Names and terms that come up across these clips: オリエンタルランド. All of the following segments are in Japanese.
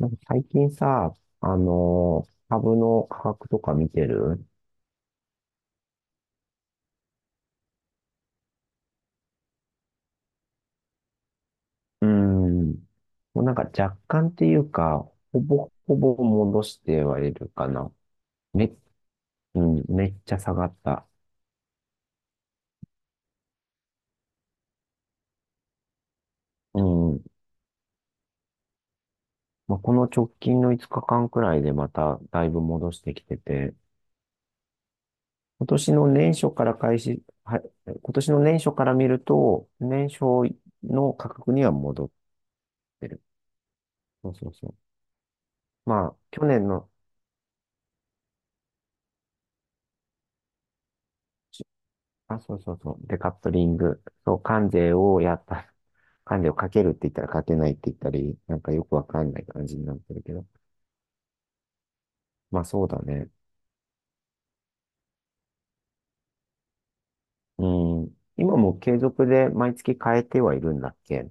なんか最近さ、株の価格とか見てる？うーん。もうなんか若干っていうか、ほぼほぼ戻してはいるかな。め、うん、めっちゃ下がった。うん。まあ、この直近の5日間くらいでまただいぶ戻してきてて、今年の年初から開始、は、今年の年初から見ると、年初の価格には戻ってる。そうそうそう。まあ、去年の、あ、そうそうそう。デカップリング。そう、関税をやった。関税をかけるって言ったらかけないって言ったり、なんかよくわかんない感じになってるけど。まあそうだね。うん。今も継続で毎月変えてはいるんだっけ？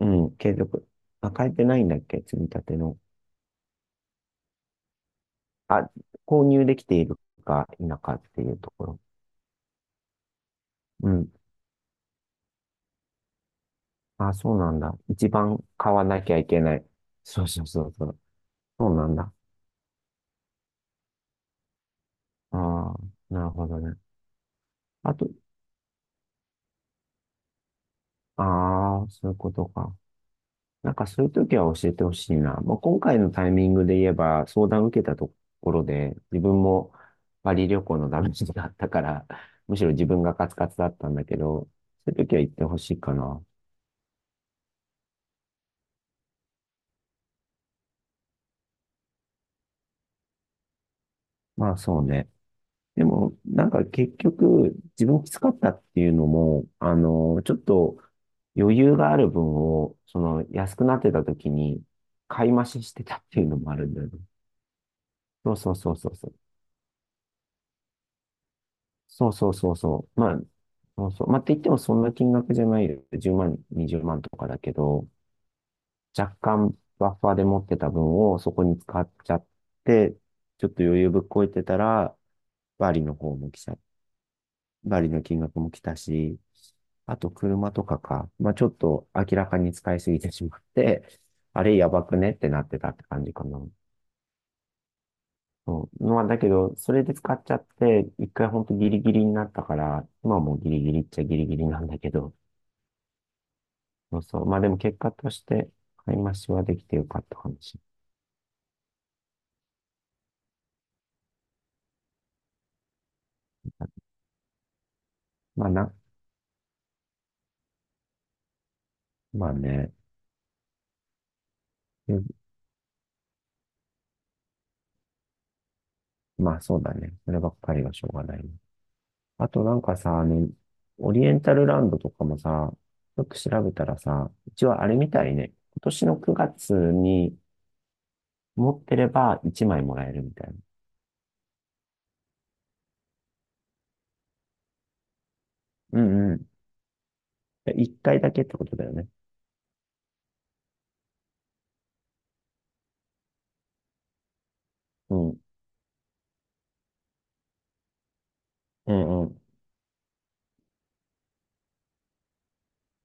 うん、継続。あ、変えてないんだっけ、積み立ての？あ、購入できているか否かっていうところ。うん。あ、そうなんだ。一番買わなきゃいけない。そうそうそうそう。そうなんだ。ああ、なるほどね。あと、ああ、そういうことか。なんかそういう時は教えてほしいな。まあ、今回のタイミングで言えば、相談受けたところで、自分もパリ旅行のダメージがあったから、むしろ自分がカツカツだったんだけど、そういう時は言ってほしいかな。まあそうね。でも、なんか結局、自分きつかったっていうのも、ちょっと余裕がある分を、その安くなってた時に買い増ししてたっていうのもあるんだよね。そうそうそうそうそう。そうそうそうそう。まあ、そうそう。まあ、って言ってもそんな金額じゃないよ。10万、20万とかだけど、若干バッファーで持ってた分をそこに使っちゃって、ちょっと余裕ぶっこいてたら、バリの方も来ちゃ、バリの金額も来たし、あと車とかか。まあ、ちょっと明らかに使いすぎてしまって、あれやばくねってなってたって感じかな。そう。まあ、だけど、それで使っちゃって、一回ほんとギリギリになったから、今はもうギリギリっちゃギリギリなんだけど、そうそう。まあ、でも結果として、買い増しはできてよかったかもしれない。まあな、まあね、うん、まあそうだね。そればっかりはしょうがないね。あとなんかさ、オリエンタルランドとかもさ、よく調べたらさ、一応あれみたいね。今年の9月に持ってれば1枚もらえるみたいな。うんうん。1回だけってことだよね。うんうん。うん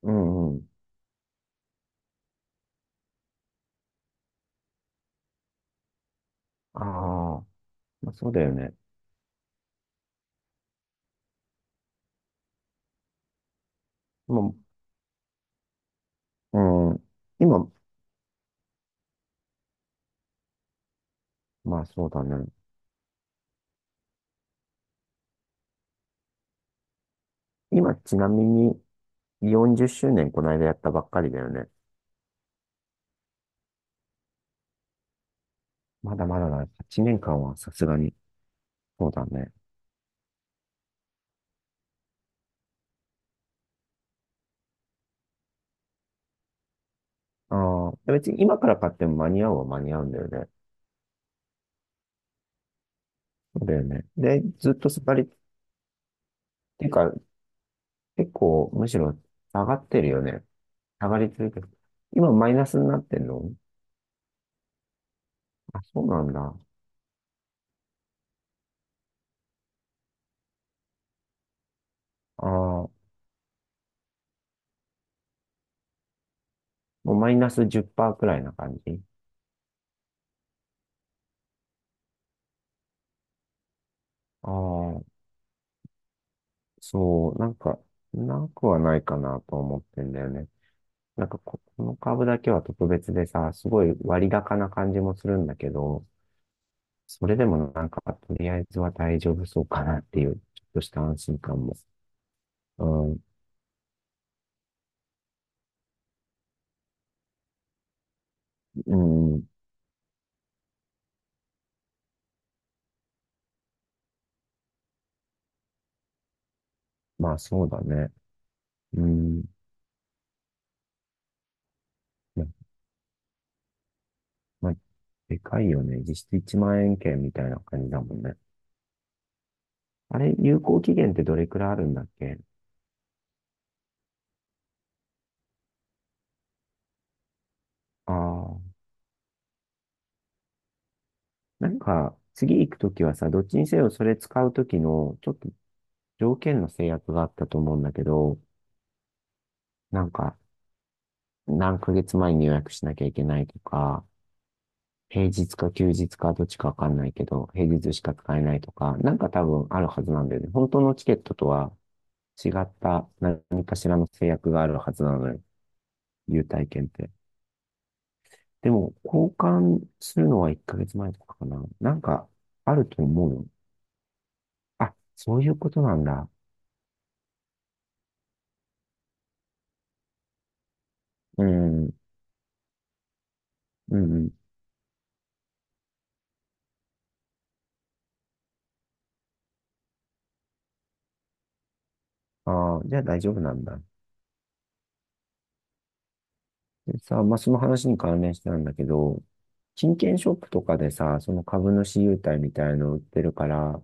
うんうん。ああ、まあ、そうだよね。もう、うん、今、まあそうだね。今、ちなみに40周年この間やったばっかりだよね。まだまだだね。8年間はさすがに。そうだね。ああ、別に今から買っても間に合うは間に合うんだよね。そうだよね。で、ずっと下がり、っていうか、結構、むしろ下がってるよね。下がり続けてる。今マイナスになってんの？あ、そうなんだ。ああ、もうマイナス10%くらいな感じ。ああ。そう、なんか、なくはないかなと思ってんだよね。なんかこの株だけは特別でさ、すごい割高な感じもするんだけど、それでもなんか、とりあえずは大丈夫そうかなっていう、ちょっとした安心感も。うん、うん、まあそうだね。うん、ままあ、でかいよね。実質1万円券みたいな感じだもんね。あれ、有効期限ってどれくらいあるんだっけ？ああ、なんか、次行くときはさ、どっちにせよそれ使うときの、ちょっと条件の制約があったと思うんだけど、なんか、何ヶ月前に予約しなきゃいけないとか、平日か休日かどっちかわかんないけど、平日しか使えないとか、なんか多分あるはずなんだよね。本当のチケットとは違った何かしらの制約があるはずなのよ。優待券って。でも、交換するのは1ヶ月前とかかな。なんか、あると思うよ。あ、そういうことなんだ。うん、うん、うん。ああ、じゃあ大丈夫なんだ。でさ、まあ、その話に関連してなんだけど、金券ショップとかでさ、その株主優待みたいの売ってるから、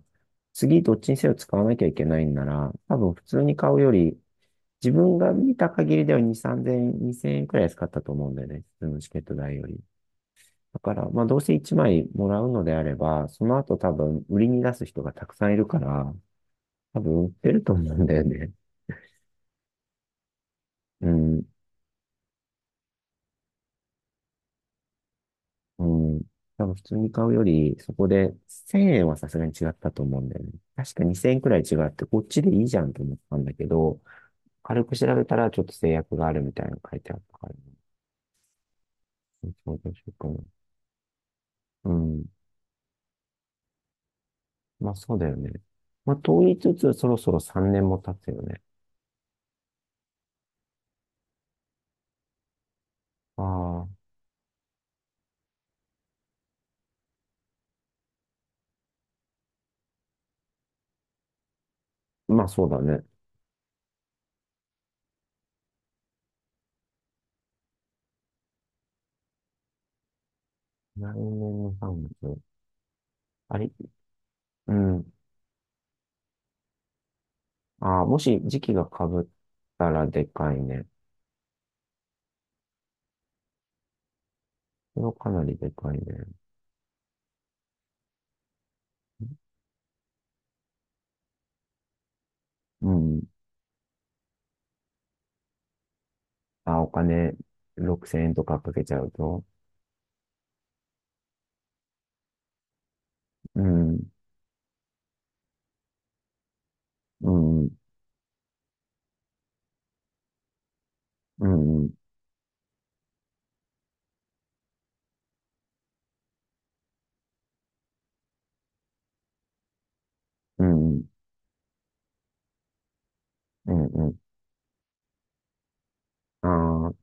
次どっちにせよ使わなきゃいけないんなら、多分普通に買うより、自分が見た限りでは2、3000円、2 0円くらい使ったと思うんだよね。普通のチケット代より。だから、まあどうせ1枚もらうのであれば、その後多分売りに出す人がたくさんいるから、多分売ってると思うんだよね。うん。うん。多分普通に買うより、そこで1000円はさすがに違ったと思うんだよね。確か2000円くらい違って、こっちでいいじゃんと思ったんだけど、軽く調べたらちょっと制約があるみたいなの書いてあったから、そうどうしようかな。うん。まあそうだよね。まあと言いつつ、そろそろ3年も経つよね。ああ、まあそうだね。来年の3月。あれ、うん。ああ、もし時期が被ったらでかいね。それはかなりでかいね。うん。あ、お金6000円とかかけちゃうと。うん、うん、うん、うん、うん、うん、ああー、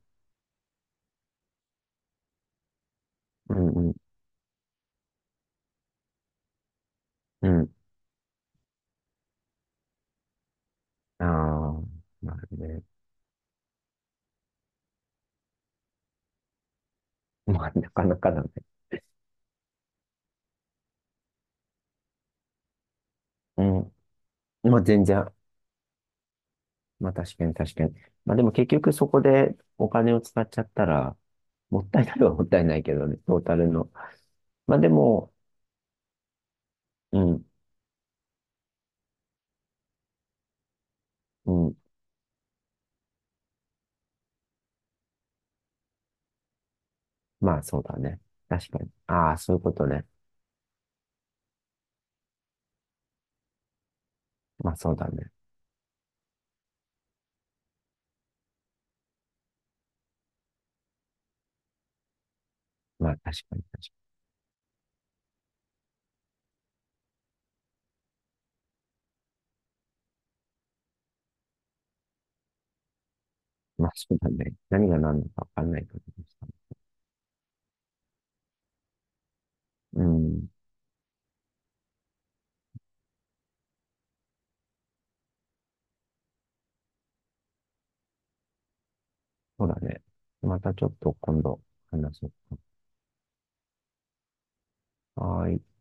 うん、うん、うん、ああ、まあね。まあ、なかなかだね。うん。まあ、全然。まあ、確かに確かに。まあ、でも結局そこでお金を使っちゃったら、もったいないはもったいないけどね、トータルの。まあ、でも、うん、うん。まあ、そうだね。確かに。ああ、そういうことね。まあ、そうだね。まあ、確かに。まあ、そうだね。何が何だかわかんない感じでした。うん。そうだね。またちょっと今度話そう。はーい。